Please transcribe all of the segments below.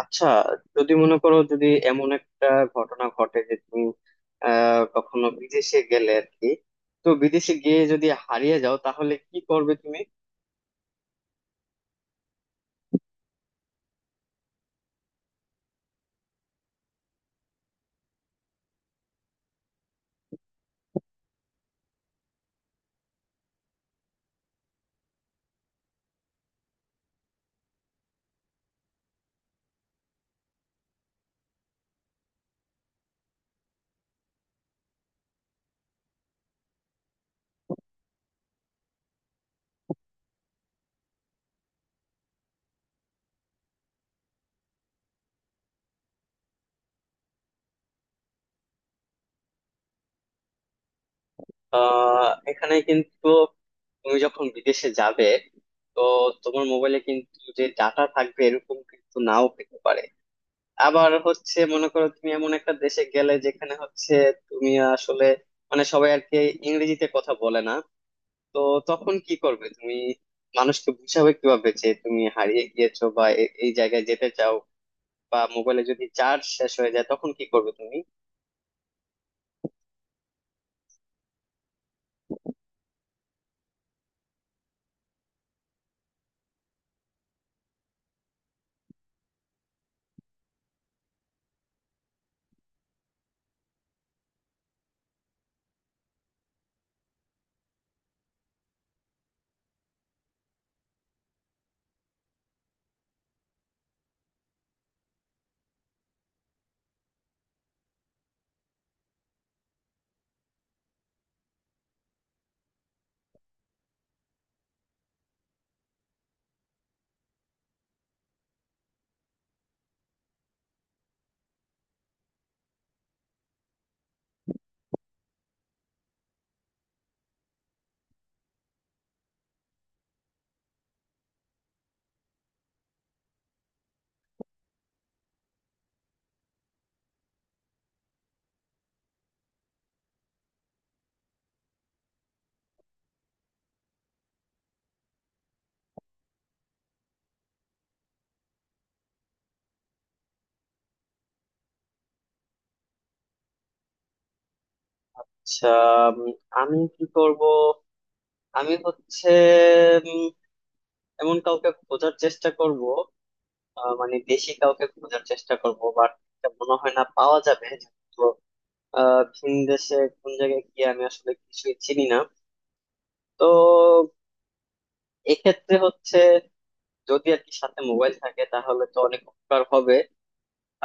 আচ্ছা, যদি মনে করো যদি এমন একটা ঘটনা ঘটে যে তুমি কখনো বিদেশে গেলে আর কি, তো বিদেশে গিয়ে যদি হারিয়ে যাও তাহলে কি করবে তুমি? এখানে কিন্তু তুমি যখন বিদেশে যাবে, তো তোমার মোবাইলে কিন্তু যে ডাটা থাকবে এরকম কিন্তু নাও পেতে পারে। আবার হচ্ছে, মনে করো তুমি এমন একটা দেশে গেলে যেখানে হচ্ছে তুমি আসলে মানে সবাই আর কি ইংরেজিতে কথা বলে না। তো তখন কি করবে তুমি? মানুষকে বুঝাবে কিভাবে যে তুমি হারিয়ে গিয়েছো বা এই জায়গায় যেতে চাও, বা মোবাইলে যদি চার্জ শেষ হয়ে যায় তখন কি করবে তুমি? আচ্ছা, উম, আমি কি করব? আমি হচ্ছে উম, এমন কাউকে খোঁজার চেষ্টা করব। মানে দেশি কাউকে খোঁজার চেষ্টা করব, বাট মনে হয় না পাওয়া যাবে। তো ভিন দেশে কোন জায়গায় গিয়ে আমি আসলে কিছুই চিনি না। তো এক্ষেত্রে হচ্ছে যদি আর কি সাথে মোবাইল থাকে তাহলে তো অনেক উপকার হবে।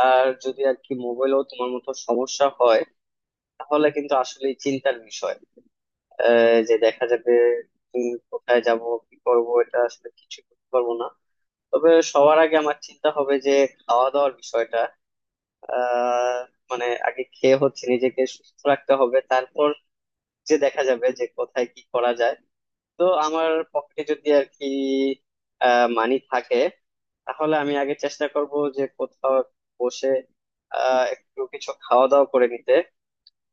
আর যদি আর কি মোবাইলও তোমার মতো সমস্যা হয়, তাহলে কিন্তু আসলে চিন্তার বিষয়। যে দেখা যাবে কোথায় যাব কি করব, এটা আসলে কিছু করতে পারবো না। তবে সবার আগে আমার চিন্তা হবে যে খাওয়া দাওয়ার বিষয়টা। আহ মানে আগে খেয়ে হচ্ছে নিজেকে সুস্থ রাখতে হবে, তারপর যে দেখা যাবে যে কোথায় কি করা যায়। তো আমার পকেটে যদি আর কি মানি থাকে, তাহলে আমি আগে চেষ্টা করব যে কোথাও বসে একটু কিছু খাওয়া দাওয়া করে নিতে।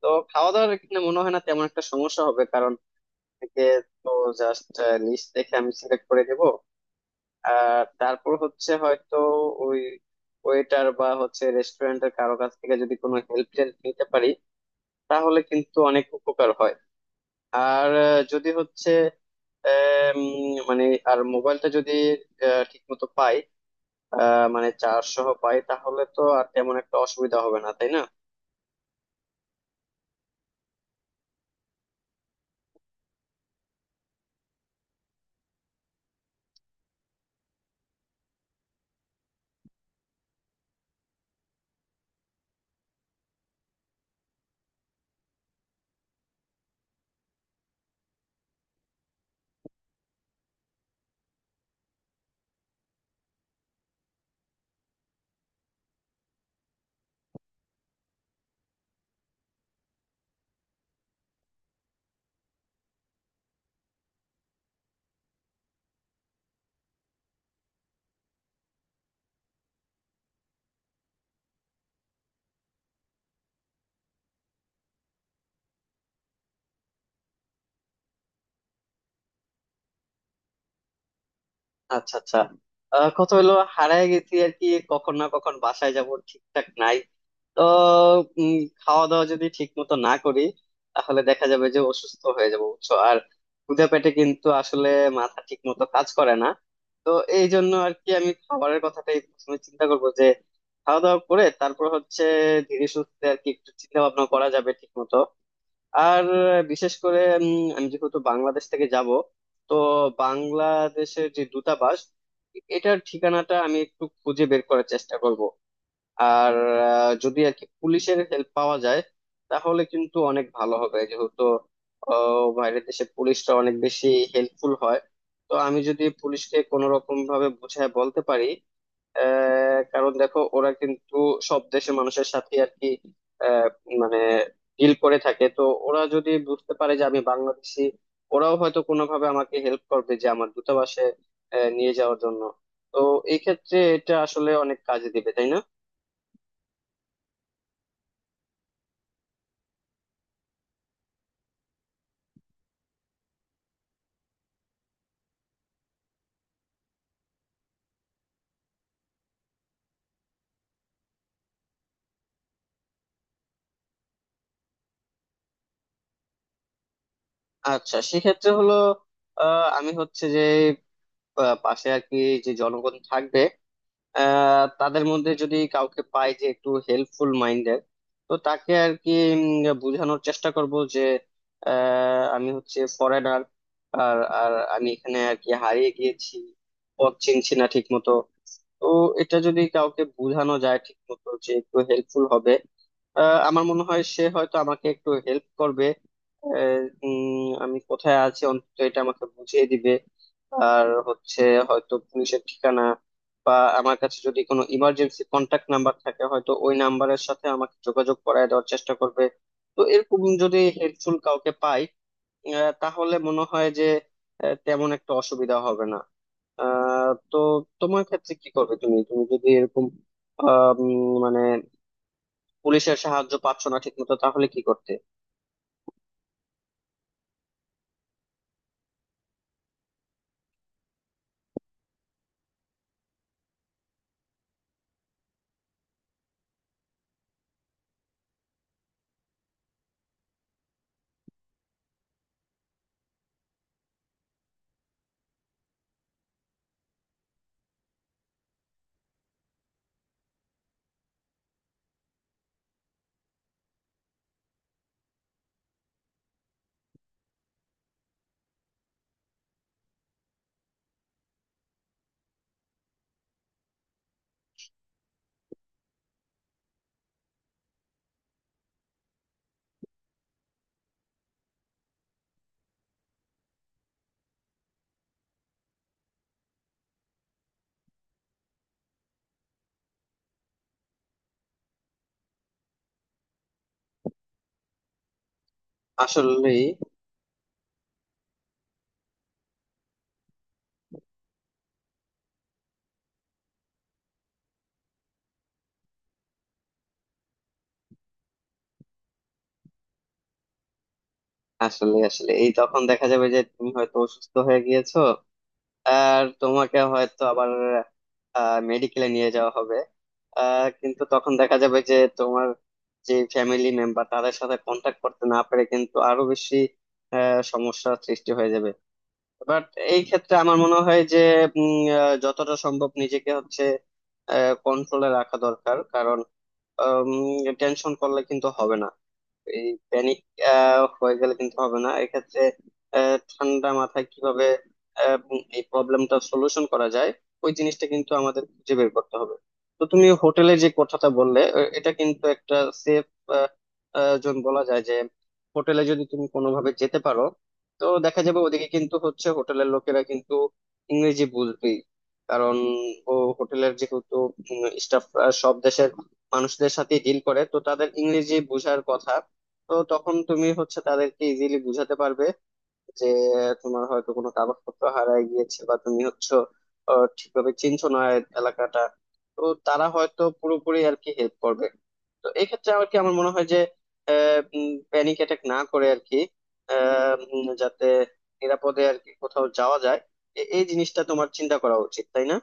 তো খাওয়া দাওয়ার এখানে মনে হয় না তেমন একটা সমস্যা হবে, কারণ থেকে তো জাস্ট লিস্ট দেখে আমি সিলেক্ট করে দেব। আর তারপর হচ্ছে হয়তো ওই ওয়েটার বা হচ্ছে রেস্টুরেন্টের কারো কাছ থেকে যদি কোনো হেল্প টেল্প নিতে পারি, তাহলে কিন্তু অনেক উপকার হয়। আর যদি হচ্ছে মানে আর মোবাইলটা যদি ঠিক মতো পাই মানে 400 পাই, তাহলে তো আর তেমন একটা অসুবিধা হবে না তাই না? আচ্ছা, আচ্ছা। কথা হলো হারায় গেছি আর কি। কখন না কখন বাসায় যাব ঠিকঠাক নাই, তো খাওয়া দাওয়া যদি ঠিক মতো না করি তাহলে দেখা যাবে যে অসুস্থ হয়ে যাবো বুঝছো। আর ক্ষুধা পেটে কিন্তু আসলে মাথা ঠিক মতো কাজ করে না। তো এই জন্য আর কি আমি খাবারের কথাটাই প্রথমে চিন্তা করবো, যে খাওয়া দাওয়া করে তারপর হচ্ছে ধীরে সুস্থে আর কি একটু চিন্তা ভাবনা করা যাবে ঠিক মতো। আর বিশেষ করে আমি যেহেতু বাংলাদেশ থেকে যাব, তো বাংলাদেশের যে দূতাবাস এটার ঠিকানাটা আমি একটু খুঁজে বের করার চেষ্টা করব। আর যদি আর কি পুলিশের হেল্প পাওয়া যায় তাহলে কিন্তু অনেক ভালো হবে, যেহেতু বাইরের দেশে পুলিশটা অনেক বেশি হেল্পফুল হয়। তো আমি যদি পুলিশকে কোনো রকম ভাবে বুঝায় বলতে পারি। কারণ দেখো ওরা কিন্তু সব দেশের মানুষের সাথে আর কি আহ, মানে ডিল করে থাকে, তো ওরা যদি বুঝতে পারে যে আমি বাংলাদেশি, ওরাও হয়তো কোনোভাবে আমাকে হেল্প করবে যে আমার দূতাবাসে নিয়ে যাওয়ার জন্য। তো এই ক্ষেত্রে এটা আসলে অনেক কাজে দিবে তাই না? আচ্ছা, সেক্ষেত্রে হলো আমি হচ্ছে যে পাশে আর কি যে জনগণ থাকবে। তাদের মধ্যে যদি কাউকে পাই যে একটু হেল্পফুল মাইন্ডের, তো তাকে আর কি বোঝানোর চেষ্টা করব যে আমি হচ্ছে ফরেনার। আর আর আমি এখানে আর কি হারিয়ে গিয়েছি, পথ চিনছি না ঠিক মতো। তো এটা যদি কাউকে বোঝানো যায় ঠিক মতো যে একটু হেল্পফুল হবে, আমার মনে হয় সে হয়তো আমাকে একটু হেল্প করবে। আহ, আমি কোথায় আছি অন্তত এটা আমাকে বুঝিয়ে দিবে। আর হচ্ছে হয়তো পুলিশের ঠিকানা, বা আমার কাছে যদি কোনো ইমার্জেন্সি কন্ট্যাক্ট নাম্বার থাকে হয়তো ওই নাম্বারের সাথে আমাকে যোগাযোগ করায় দেওয়ার চেষ্টা করবে। তো এরকম যদি হেল্পফুল কাউকে পাই, তাহলে মনে হয় যে তেমন একটা অসুবিধা হবে না। তো তোমার ক্ষেত্রে কি করবে তুমি তুমি যদি এরকম মানে পুলিশের সাহায্য পাচ্ছ না ঠিকমতো, তাহলে কি করতে? আসলে আসলে আসলে এই তখন দেখা যাবে যে তুমি হয়তো অসুস্থ হয়ে গিয়েছো, আর তোমাকে হয়তো আবার মেডিকেলে নিয়ে যাওয়া হবে। কিন্তু তখন দেখা যাবে যে তোমার যে ফ্যামিলি মেম্বার তাদের সাথে কন্ট্যাক্ট করতে না পেরে কিন্তু আরো বেশি সমস্যার সৃষ্টি হয়ে যাবে। বাট এই ক্ষেত্রে আমার মনে হয় যে যতটা সম্ভব নিজেকে হচ্ছে কন্ট্রোলে রাখা দরকার, কারণ টেনশন করলে কিন্তু হবে না। এই প্যানিক হয়ে গেলে কিন্তু হবে না এক্ষেত্রে। ঠান্ডা মাথায় কিভাবে এই প্রবলেমটা সলিউশন করা যায়, ওই জিনিসটা কিন্তু আমাদের খুঁজে বের করতে হবে। তো তুমি হোটেলে যে কথাটা বললে, এটা কিন্তু একটা সেফ জোন বলা যায় যে হোটেলে যদি তুমি কোনোভাবে যেতে পারো, তো দেখা যাবে ওদিকে কিন্তু হচ্ছে হোটেলের লোকেরা কিন্তু ইংরেজি বুঝবেই। কারণ ও হোটেলের যেহেতু স্টাফ সব দেশের মানুষদের সাথে ডিল করে, তো তাদের ইংরেজি বোঝার কথা। তো তখন তুমি হচ্ছে তাদেরকে ইজিলি বুঝাতে পারবে যে তোমার হয়তো কোনো কাগজপত্র হারায় গিয়েছে, বা তুমি হচ্ছে ঠিকভাবে চিনছো না এলাকাটা। তো তারা হয়তো পুরোপুরি আর কি হেল্প করবে। তো এক্ষেত্রে আর কি আমার মনে হয় যে প্যানিক অ্যাটাক না করে আর কি যাতে নিরাপদে আর কি কোথাও যাওয়া যায়, এই জিনিসটা তোমার চিন্তা করা উচিত তাই না?